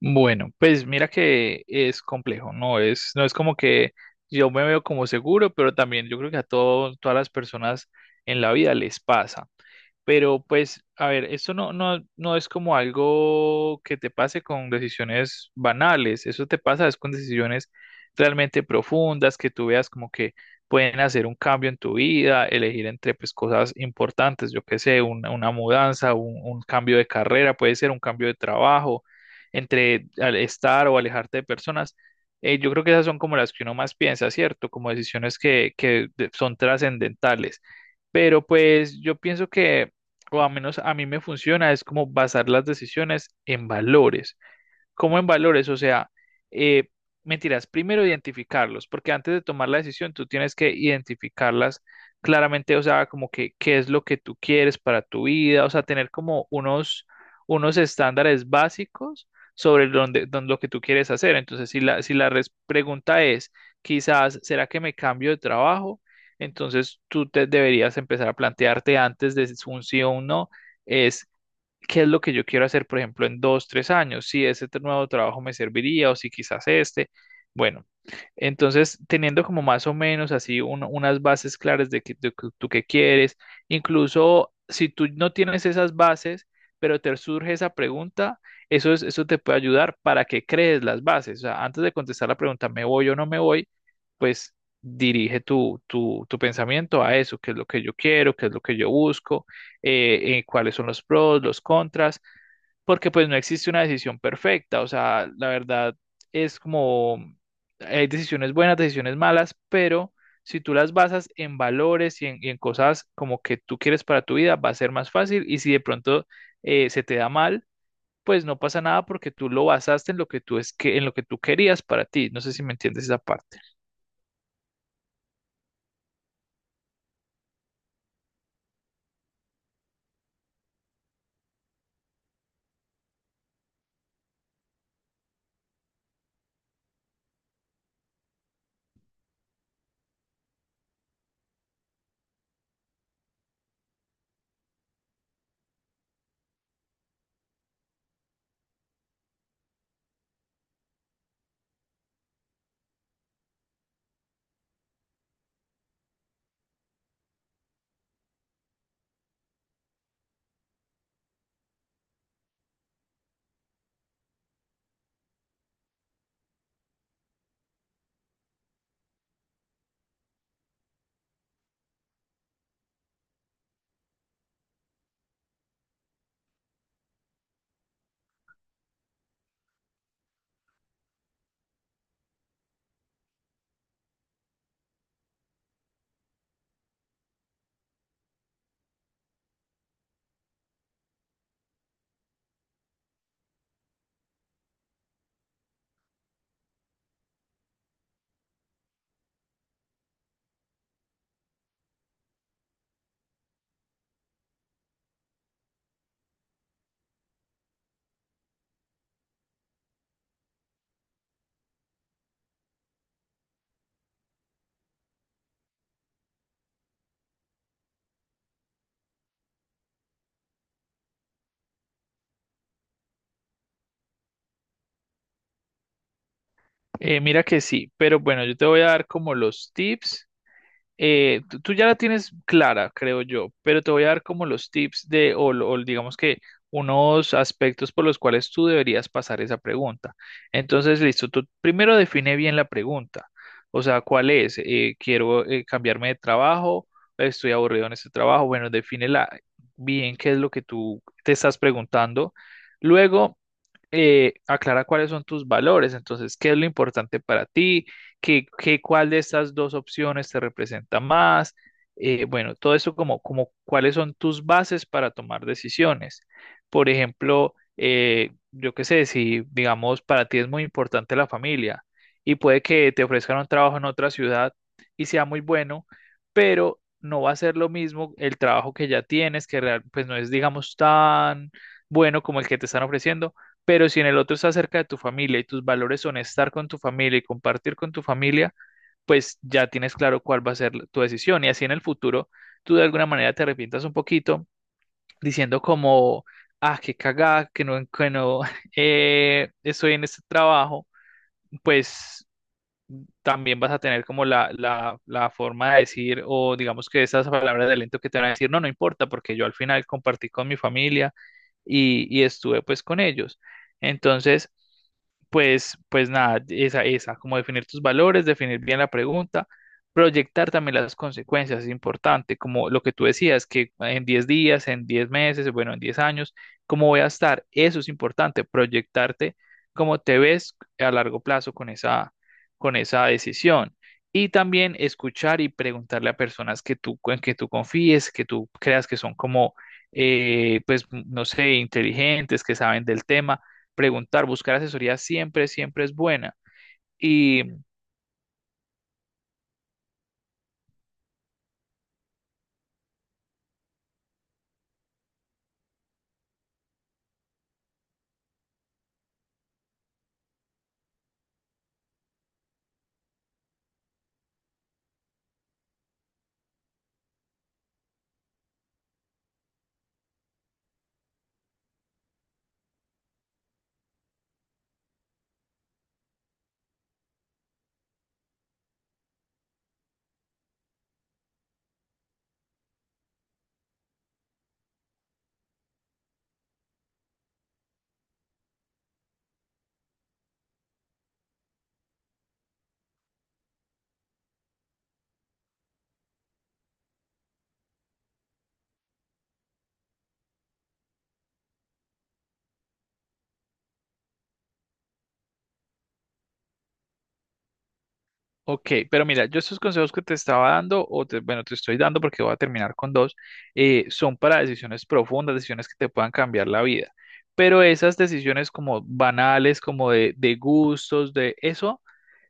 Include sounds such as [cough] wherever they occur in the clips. Bueno, pues mira que es complejo, no es como que yo me veo como seguro, pero también yo creo que todas las personas en la vida les pasa. Pero pues, a ver, esto no es como algo que te pase con decisiones banales, eso te pasa es con decisiones realmente profundas, que tú veas como que pueden hacer un cambio en tu vida, elegir entre pues cosas importantes, yo qué sé, una mudanza, un cambio de carrera, puede ser un cambio de trabajo, estar o alejarte de personas. Yo creo que esas son como las que uno más piensa, ¿cierto? Como decisiones que son trascendentales. Pero pues yo pienso que, o al menos a mí me funciona, es como basar las decisiones en valores, como en valores, o sea, eh, mentiras, primero identificarlos, porque antes de tomar la decisión tú tienes que identificarlas claramente, o sea, como que qué es lo que tú quieres para tu vida, o sea, tener como unos estándares básicos sobre lo que tú quieres hacer. Entonces, si la pregunta es, quizás, ¿será que me cambio de trabajo? Entonces, tú te deberías empezar a plantearte antes de si un sí o un no, qué es lo que yo quiero hacer, por ejemplo, en dos, 3 años, si ese nuevo trabajo me serviría o si quizás este. Bueno, entonces teniendo como más o menos así unas bases claras de que tú qué quieres. Incluso si tú no tienes esas bases, pero te surge esa pregunta, eso te puede ayudar para que crees las bases. O sea, antes de contestar la pregunta, ¿me voy o no me voy? Pues dirige tu pensamiento a eso, qué es lo que yo quiero, qué es lo que yo busco, cuáles son los pros, los contras, porque pues no existe una decisión perfecta, o sea, la verdad es como hay decisiones buenas, decisiones malas, pero si tú las basas en valores y en cosas como que tú quieres para tu vida, va a ser más fácil. Y si de pronto se te da mal, pues no pasa nada porque tú lo basaste en lo que tú es que en lo que tú querías para ti. No sé si me entiendes esa parte. Mira que sí, pero bueno, yo te voy a dar como los tips. Eh, tú ya la tienes clara, creo yo, pero te voy a dar como los tips o digamos que unos aspectos por los cuales tú deberías pasar esa pregunta. Entonces, listo, tú primero define bien la pregunta. O sea, ¿cuál es? Quiero, cambiarme de trabajo, estoy aburrido en este trabajo. Bueno, defínela bien qué es lo que tú te estás preguntando. Luego, aclara cuáles son tus valores. Entonces, qué es lo importante para ti, cuál de estas dos opciones te representa más. Bueno, todo eso como, como cuáles son tus bases para tomar decisiones. Por ejemplo, yo qué sé, si digamos para ti es muy importante la familia y puede que te ofrezcan un trabajo en otra ciudad y sea muy bueno, pero no va a ser lo mismo el trabajo que ya tienes, pues no es digamos tan bueno como el que te están ofreciendo. Pero si en el otro estás cerca de tu familia y tus valores son estar con tu familia y compartir con tu familia, pues ya tienes claro cuál va a ser tu decisión. Y así en el futuro, tú de alguna manera te arrepientas un poquito, diciendo como, ah, qué cagada, que no, que no, [laughs] estoy en este trabajo, pues también vas a tener como la forma de decir, o digamos que esas palabras de aliento que te van a decir, no, no importa, porque yo al final compartí con mi familia y estuve pues con ellos. Entonces, pues, pues nada, como definir tus valores, definir bien la pregunta, proyectar también las consecuencias es importante, como lo que tú decías, que en 10 días, en 10 meses, bueno, en 10 años, ¿cómo voy a estar? Eso es importante, proyectarte cómo te ves a largo plazo con esa, con esa decisión. Y también escuchar y preguntarle a personas que tú, en que tú confíes, que tú creas que son como, pues, no sé, inteligentes, que saben del tema. Preguntar, buscar asesoría siempre, siempre es buena. Y, ok, pero mira, yo estos consejos que te estaba dando, bueno, te estoy dando porque voy a terminar con dos, son para decisiones profundas, decisiones que te puedan cambiar la vida. Pero esas decisiones como banales, como de gustos, de eso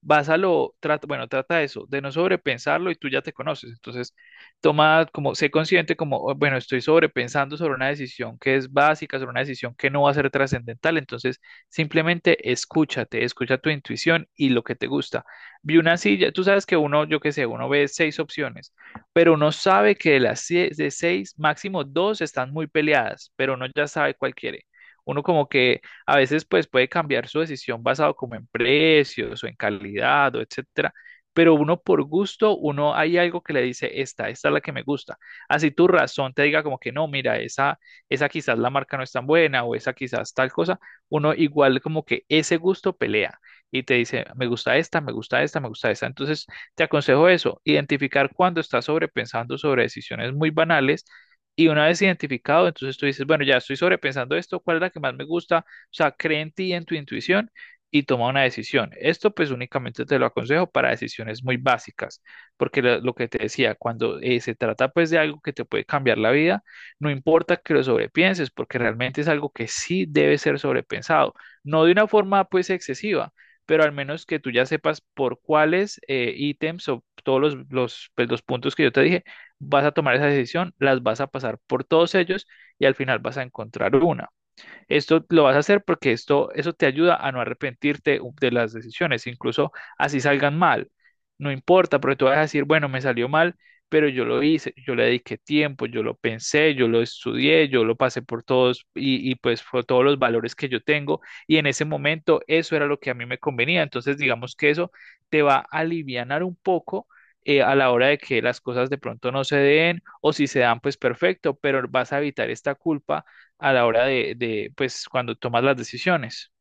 básalo, trata, bueno, trata eso, de no sobrepensarlo y tú ya te conoces. Entonces, toma como, sé consciente como, "Oh, bueno, estoy sobrepensando sobre una decisión que es básica, sobre una decisión que no va a ser trascendental. Entonces, simplemente escúchate, escucha tu intuición y lo que te gusta". Vi una silla, tú sabes que uno, yo qué sé, uno ve seis opciones, pero uno sabe que de seis, máximo dos están muy peleadas, pero uno ya sabe cuál quiere. Uno como que a veces pues puede cambiar su decisión basado como en precios o en calidad o etcétera, pero uno por gusto, uno hay algo que le dice, esta es la que me gusta. Así tu razón te diga como que no, mira, esa quizás la marca no es tan buena o esa quizás tal cosa, uno igual como que ese gusto pelea y te dice, me gusta esta, me gusta esta, me gusta esta. Entonces te aconsejo eso, identificar cuando estás sobrepensando sobre decisiones muy banales. Y una vez identificado, entonces tú dices, bueno, ya estoy sobrepensando esto, ¿cuál es la que más me gusta? O sea, cree en ti, en tu intuición y toma una decisión. Esto pues únicamente te lo aconsejo para decisiones muy básicas, porque lo que te decía, cuando se trata pues de algo que te puede cambiar la vida, no importa que lo sobrepienses, porque realmente es algo que sí debe ser sobrepensado, no de una forma pues excesiva, pero al menos que tú ya sepas por cuáles ítems o todos los puntos que yo te dije, vas a tomar esa decisión, las vas a pasar por todos ellos y al final vas a encontrar una. Esto lo vas a hacer porque eso te ayuda a no arrepentirte de las decisiones, incluso así salgan mal. No importa, porque tú vas a decir, bueno, me salió mal, pero yo lo hice, yo le dediqué tiempo, yo lo pensé, yo lo estudié, yo lo pasé por todos y pues por todos los valores que yo tengo y en ese momento eso era lo que a mí me convenía. Entonces digamos que eso te va a alivianar un poco a la hora de que las cosas de pronto no se den o si se dan pues perfecto, pero vas a evitar esta culpa a la hora cuando tomas las decisiones.